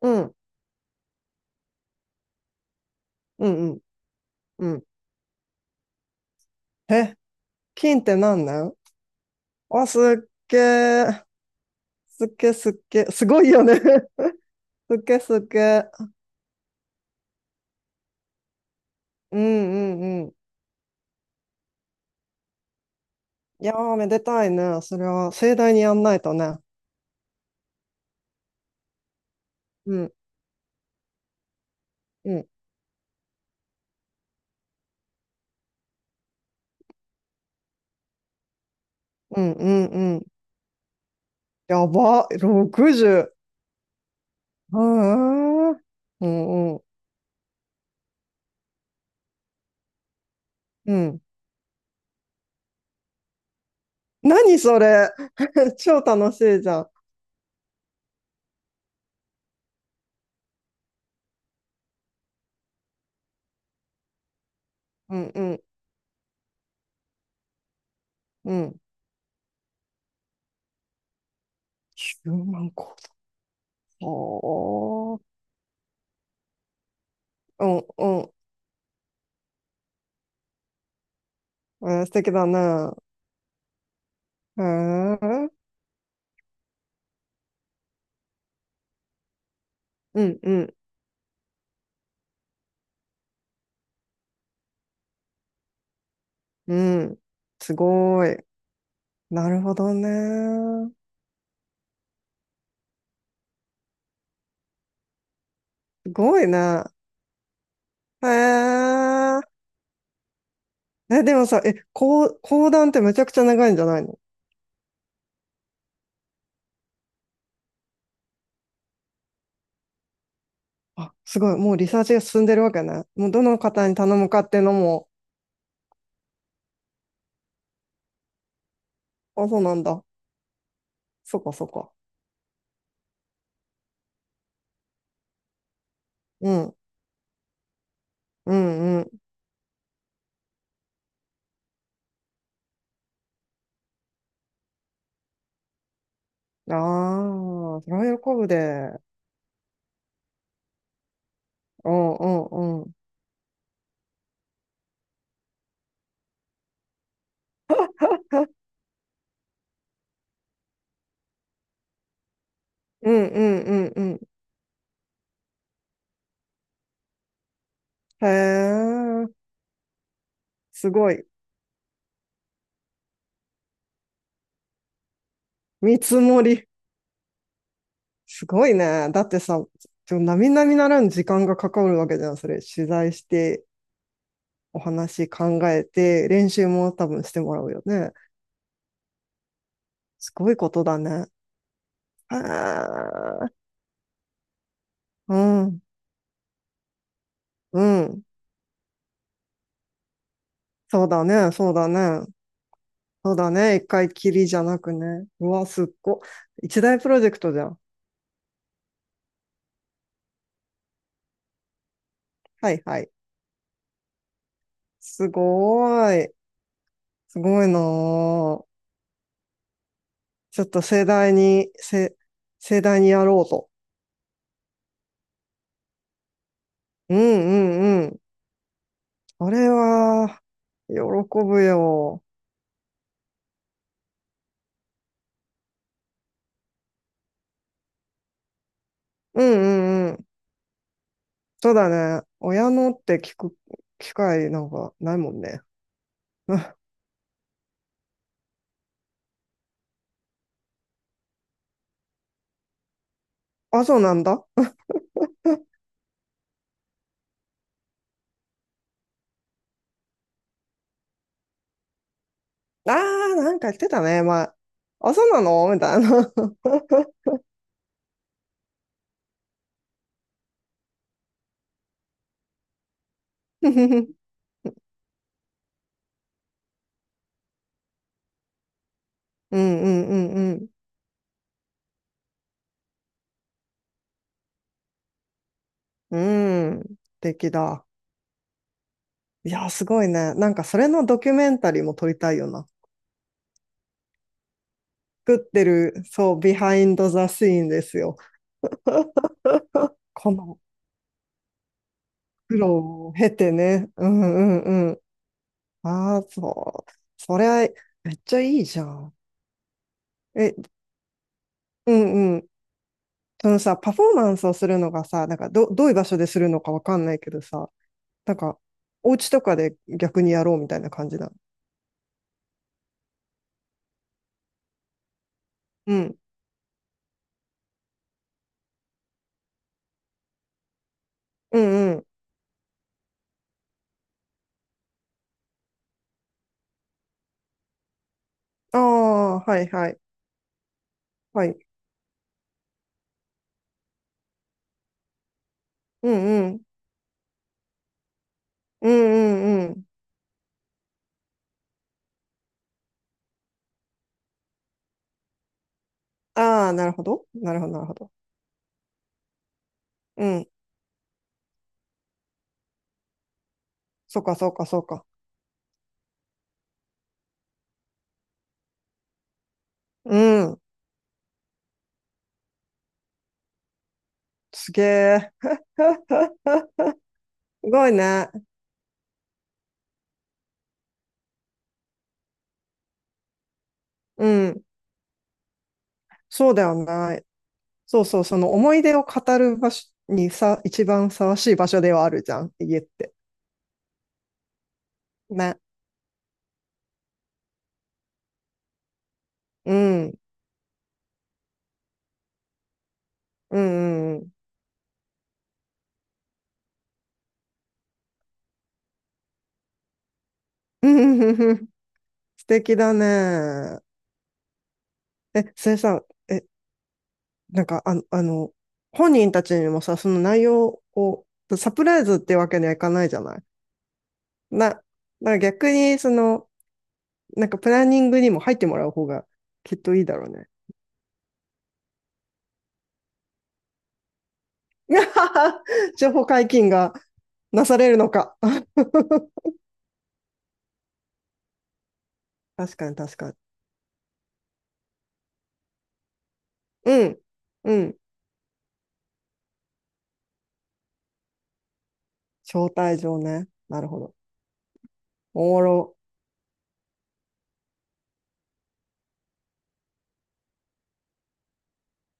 うん、うん、うん、うん。え、金って何なんあ、すっげーすっげーすごいよね すっげーすっげーうん、うん、うん。いやー、めでたいね。それは盛大にやんないとね。うん、うん、うん、うん、うん。やば、60。うーうん、うん、うん。何それ 超楽しいじゃん。うんうんうん。9万個。おーうんうん。えー素敵だね。うーん。うんうんうん。すごい。なるほどね。すごいね。へえ。え、でもさ、え、講談ってめちゃくちゃ長いんじゃないの？あ、すごい。もうリサーチが進んでるわけね。もうどの方に頼むかっていうのも、あ、そうなんだ。そっかそっか。うん。うんうああ、それは喜ぶで。うんうんうん。うんうんうんうん。へえ。すごい。見積もり。すごいね。だってさ、ちょ並々ならぬ時間がかかるわけじゃん、それ。取材して、お話考えて、練習も多分してもらうよね。すごいことだね。あーうん、うん。そうだね、そうだね。そうだね。一回きりじゃなくね。うわ、すっご。一大プロジェクトじゃん。はいはい。すごーい。すごいなー。ちょっと盛大に、盛大にやろうと。うんうんうん。これは、喜ぶよ。うんうんうん。そうだね。親のって聞く機会なんかないもんね。あ、あそうなんだ。ああ、なんか言ってたね、前。あ、そうなのみたいな。うんうんうんうん。素敵だ。いや、すごいね。なんかそれのドキュメンタリーも撮りたいよな。作ってる、そう、ビハインドザシーンですよ。この苦労を経てね。うんああ、そう。それはめっちゃいいじゃん。え、うんうん。そのさ、パフォーマンスをするのがさ、なんかどういう場所でするのかわかんないけどさ、なんか、お家とかで逆にやろうみたいな感じなの？うん。うんうん。ああ、はいはい。はい。うんうん。うんうんうん。ああ、なるほど。なるほど、なるほど。うん。そうか、そうか、そうか。うん。すげえ。すごいね。うん。そうだよね。そうそう、その思い出を語る場所にさ、一番ふさわしい場所ではあるじゃん、家って。ね。うん。うん、うんうん。素敵だね。え、それさ、え、なんか、あの、本人たちにもさ、その内容を、サプライズってわけにはいかないじゃない？な、だから逆に、その、なんかプランニングにも入ってもらう方がきっといいだろうね。情報解禁がなされるのか。確かに確かに。うん。うん。招待状ね。なるほど。おもろ。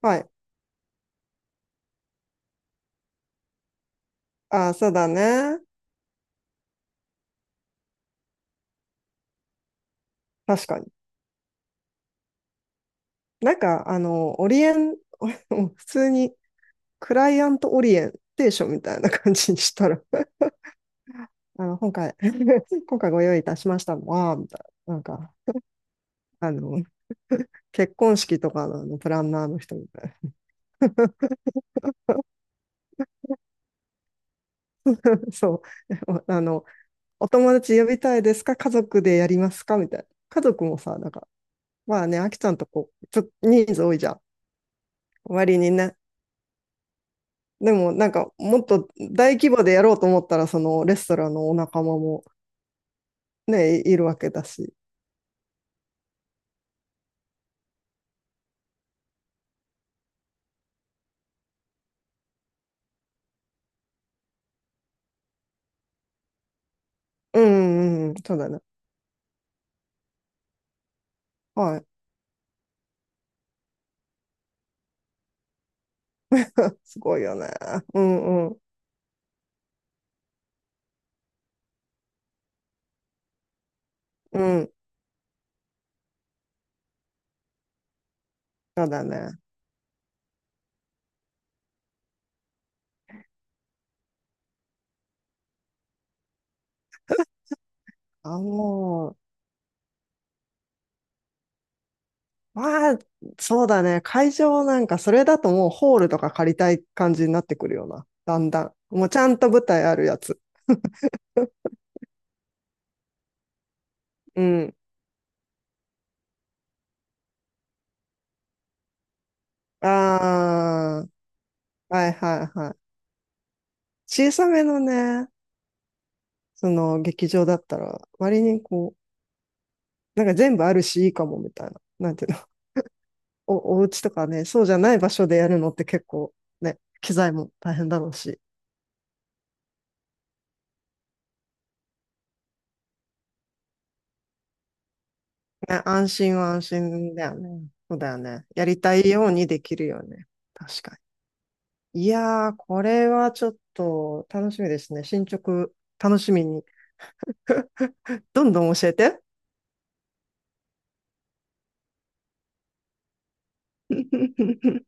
はい。あ、そうだね。確かに。なんか、あの、オリエン、うん普通にクライアントオリエンテーションみたいな感じにしたら、あの、今回 今回ご用意いたしましたのは、みたいな。なんか、あの、結婚式とかの、あのプランナーの人みたいな。そう。あの、お友達呼びたいですか家族でやりますかみたいな。家族もさ、なんか、まあね、あきちゃんとこう、ちょっと人数多いじゃん。割にね、でもなんかもっと大規模でやろうと思ったらそのレストランのお仲間もね、いるわけだし。うんうん、そうだね。はい。すごいよね。うんうんうん、そうだね。あ、もまあ、そうだね。会場なんかそれだともうホールとか借りたい感じになってくるよな。だんだん。もうちゃんと舞台あるやつ。うん。ああ、はいはいはい。小さめのね、その劇場だったら割にこう、なんか全部あるしいいかもみたいな。なんていうの、お家とかね、そうじゃない場所でやるのって結構ね、機材も大変だろうし。ね、安心は安心だよね。そうだよね。やりたいようにできるよね。確かに。いやー、これはちょっと楽しみですね。進捗楽しみに。どんどん教えて。